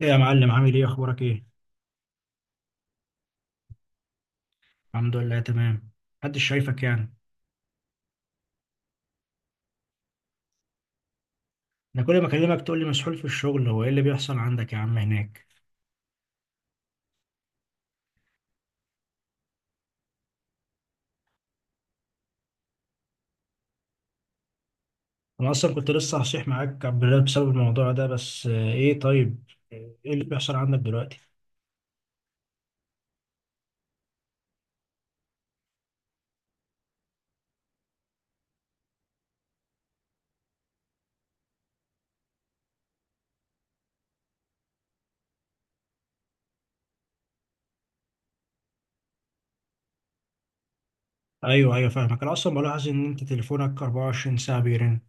ايه يا معلم، عامل ايه؟ اخبارك ايه؟ الحمد لله تمام. محدش شايفك انا كل ما اكلمك تقول لي مسحول في الشغل، هو ايه اللي بيحصل عندك يا عم هناك؟ انا اصلا كنت لسه هصيح معاك عبد الله بسبب الموضوع ده، بس ايه؟ طيب، ايه اللي بيحصل عندك دلوقتي؟ ايوه، فاهمك. انا اصلا بلاحظ ان انت تليفونك 24 ساعه بيرن.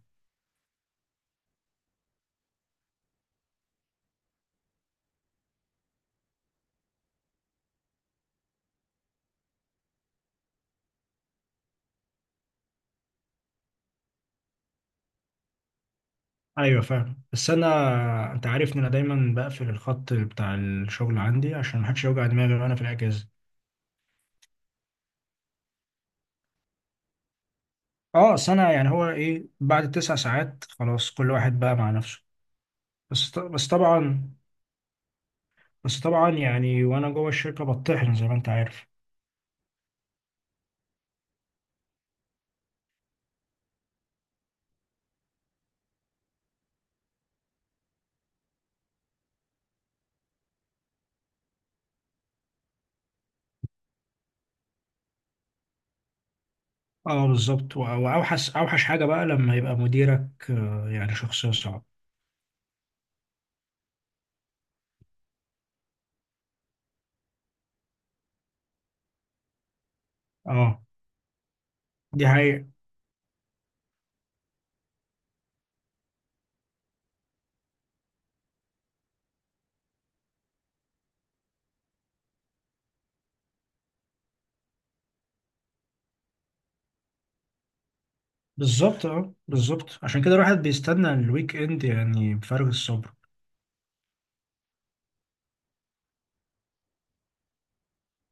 ايوه فاهم، بس انا انت عارف ان انا دايما بقفل الخط بتاع الشغل عندي عشان محدش يوجع دماغي وانا في الاجازه. اه سنه، يعني هو ايه بعد 9 ساعات؟ خلاص، كل واحد بقى مع نفسه. بس ط- بس طبعا بس طبعا، يعني وانا جوه الشركه بطحن زي ما انت عارف. اه بالظبط، واوحش اوحش حاجه بقى لما يبقى مديرك، يعني شخصيه صعبه. اه دي حقيقة. بالظبط، عشان كده الواحد بيستنى الويك اند يعني بفارغ الصبر.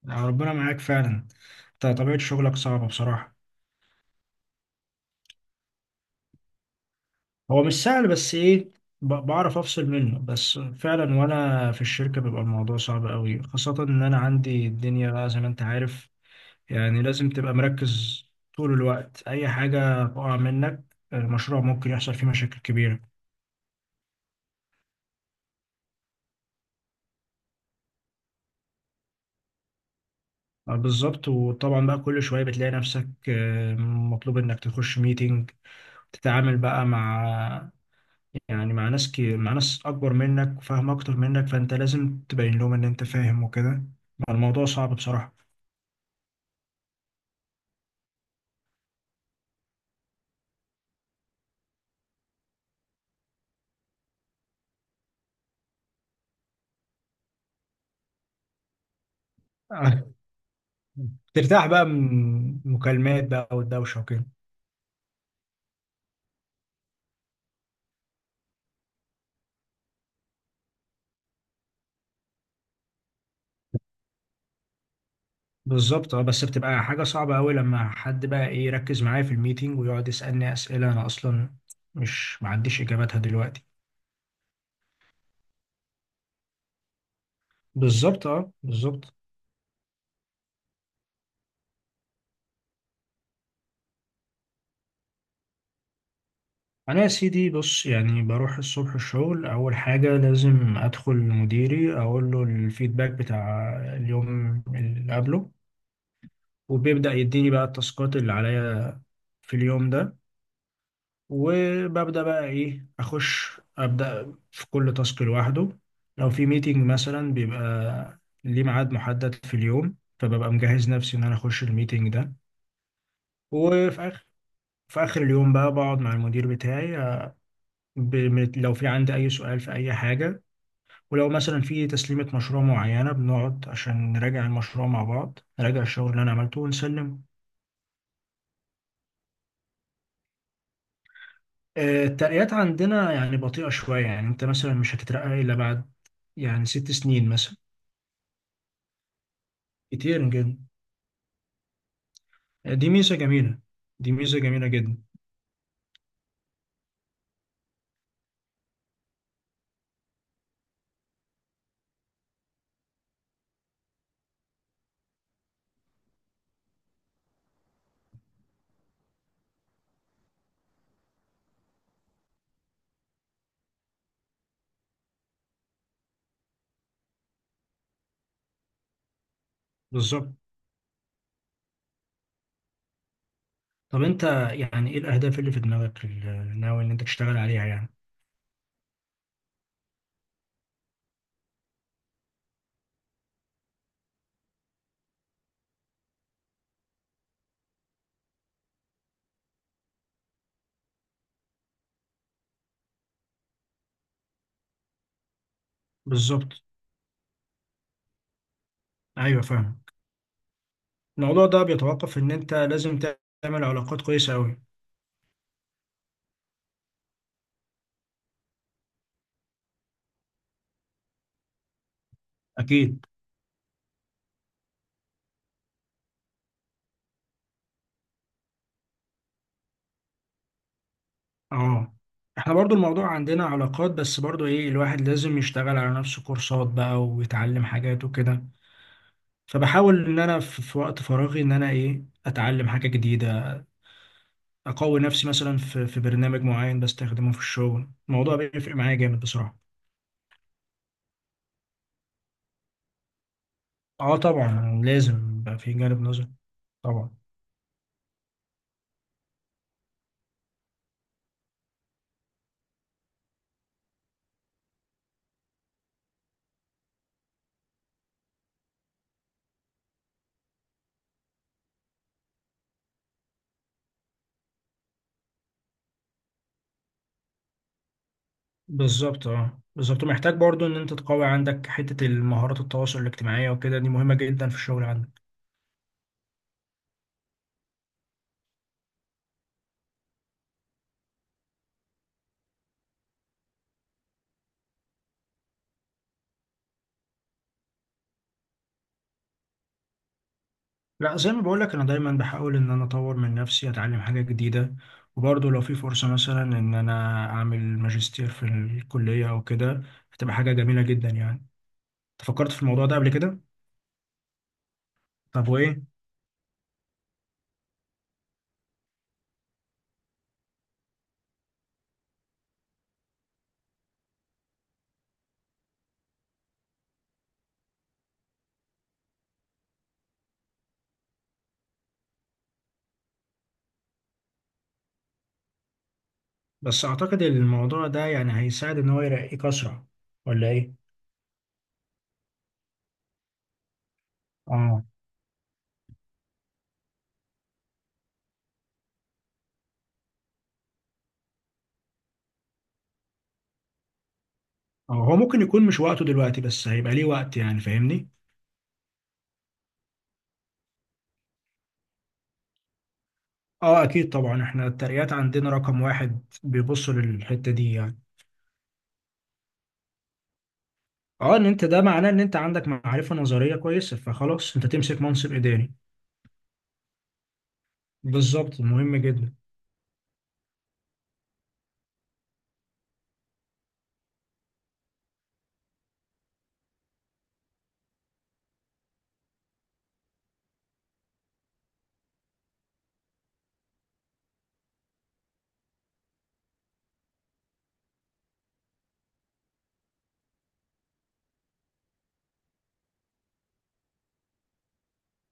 يعني ربنا معاك فعلا، انت طبيعه شغلك صعبه بصراحه. هو مش سهل، بس ايه، بعرف افصل منه، بس فعلا وانا في الشركه بيبقى الموضوع صعب قوي، خاصه ان انا عندي الدنيا بقى زي ما انت عارف. يعني لازم تبقى مركز طول الوقت، أي حاجة تقع منك المشروع ممكن يحصل فيه مشاكل كبيرة. بالظبط. وطبعا بقى كل شوية بتلاقي نفسك، مطلوب إنك تخش ميتينج، تتعامل بقى مع، يعني مع ناس مع ناس أكبر منك وفاهم أكتر منك، فأنت لازم تبين لهم إن أنت فاهم وكده. الموضوع صعب بصراحة. آه، ترتاح بقى من مكالمات بقى والدوشة وكده. بالظبط، اه، بس بتبقى حاجة صعبة أوي لما حد بقى إيه يركز معايا في الميتنج ويقعد يسألني أسئلة أنا أصلا مش معنديش إجاباتها دلوقتي. بالظبط. أنا يا سيدي بص، يعني بروح الصبح الشغل، أول حاجة لازم أدخل لمديري أقول له الفيدباك بتاع اليوم اللي قبله، وبيبدأ يديني بقى التاسكات اللي عليا في اليوم ده. وببدأ بقى إيه، أخش أبدأ في كل تاسك لوحده. لو في ميتنج مثلا بيبقى ليه ميعاد محدد في اليوم، فببقى مجهز نفسي إن أنا أخش الميتنج ده. وفي آخر في آخر اليوم بقى بقعد مع المدير بتاعي، لو في عندي أي سؤال في أي حاجة. ولو مثلا في تسليمة مشروع معينة بنقعد عشان نراجع المشروع مع بعض، نراجع الشغل اللي أنا عملته ونسلمه. الترقيات عندنا يعني بطيئة شوية، يعني أنت مثلا مش هتترقى إلا بعد يعني 6 سنين مثلا. كتير جدا، دي ميزة جميلة، دي ميزة جميلة جدا. بالظبط. طب انت يعني ايه الأهداف اللي في دماغك اللي ناوي ان انت تشتغل عليها يعني؟ بالظبط. ايوه فاهم. الموضوع ده بيتوقف ان انت لازم تعمل علاقات كويسة قوي. اكيد. اه احنا برضو الموضوع عندنا علاقات، بس برضو ايه، الواحد لازم يشتغل على نفسه كورسات بقى ويتعلم حاجات وكده. فبحاول ان انا في وقت فراغي ان انا ايه، اتعلم حاجة جديدة، اقوي نفسي مثلا في برنامج معين بستخدمه في الشغل. الموضوع بيفرق معايا جامد بصراحة. اه طبعا لازم يبقى في جانب نظر. طبعا. بالظبط، محتاج برضو ان انت تقوي عندك حتة المهارات التواصل الاجتماعية وكده، دي مهمة جدا في الشغل عندك. لا زي ما بقولك، انا دايما بحاول ان انا اطور من نفسي اتعلم حاجة جديدة. وبرضو لو في فرصة مثلا ان انا اعمل ماجستير في الكلية او كده، هتبقى حاجة جميلة جدا يعني. تفكرت في الموضوع ده قبل كده؟ طب وايه؟ بس اعتقد الموضوع ده يعني هيساعد ان هو يرقيك اسرع، ولا ايه؟ اه اه. هو ممكن يكون مش وقته دلوقتي، بس هيبقى ليه وقت يعني، فاهمني. اه اكيد طبعا، احنا الترقيات عندنا رقم واحد بيبصوا للحتة دي يعني. اه، ان انت ده معناه ان انت عندك معرفة نظرية كويسة، فخلاص انت تمسك منصب اداري. بالظبط، مهم جدا.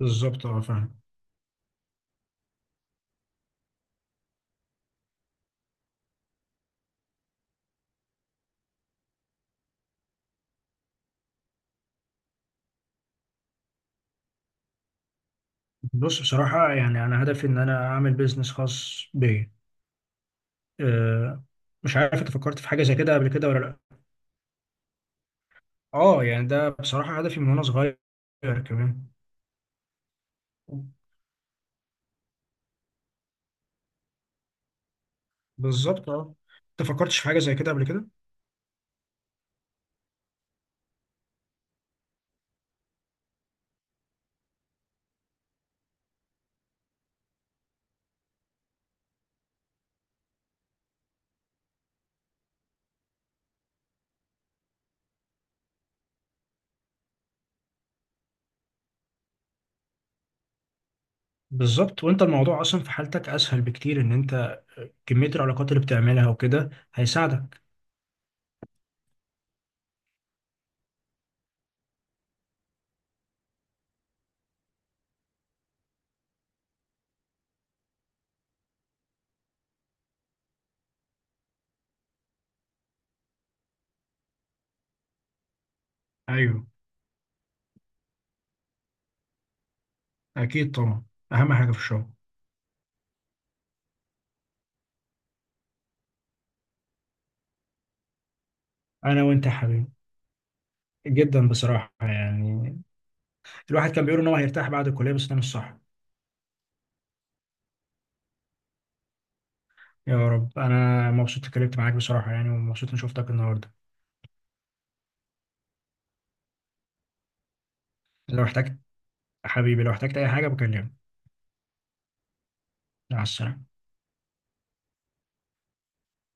بالظبط، اه فاهم. بص بصراحة يعني انا هدفي ان انا اعمل بيزنس خاص بيا. آه، مش عارف انت فكرت في حاجة زي كده قبل كده ولا؟ اه يعني ده بصراحة هدفي من وانا صغير كمان. بالظبط اه. انت فكرتش في حاجة زي كده قبل كده؟ بالظبط. وانت الموضوع اصلا في حالتك اسهل بكتير، ان انت كمية العلاقات اللي بتعملها وكده هيساعدك. ايوه اكيد طبعا، اهم حاجة في الشغل. انا وانت يا حبيبي، جدا بصراحة يعني. الواحد كان بيقول ان هو هيرتاح بعد الكلية، بس ده مش صح. يا رب. انا مبسوط اتكلمت معاك بصراحة يعني، ومبسوط اني شفتك النهاردة. لو احتجت، حبيبي لو احتجت اي حاجة بكلمك. مع السلامة.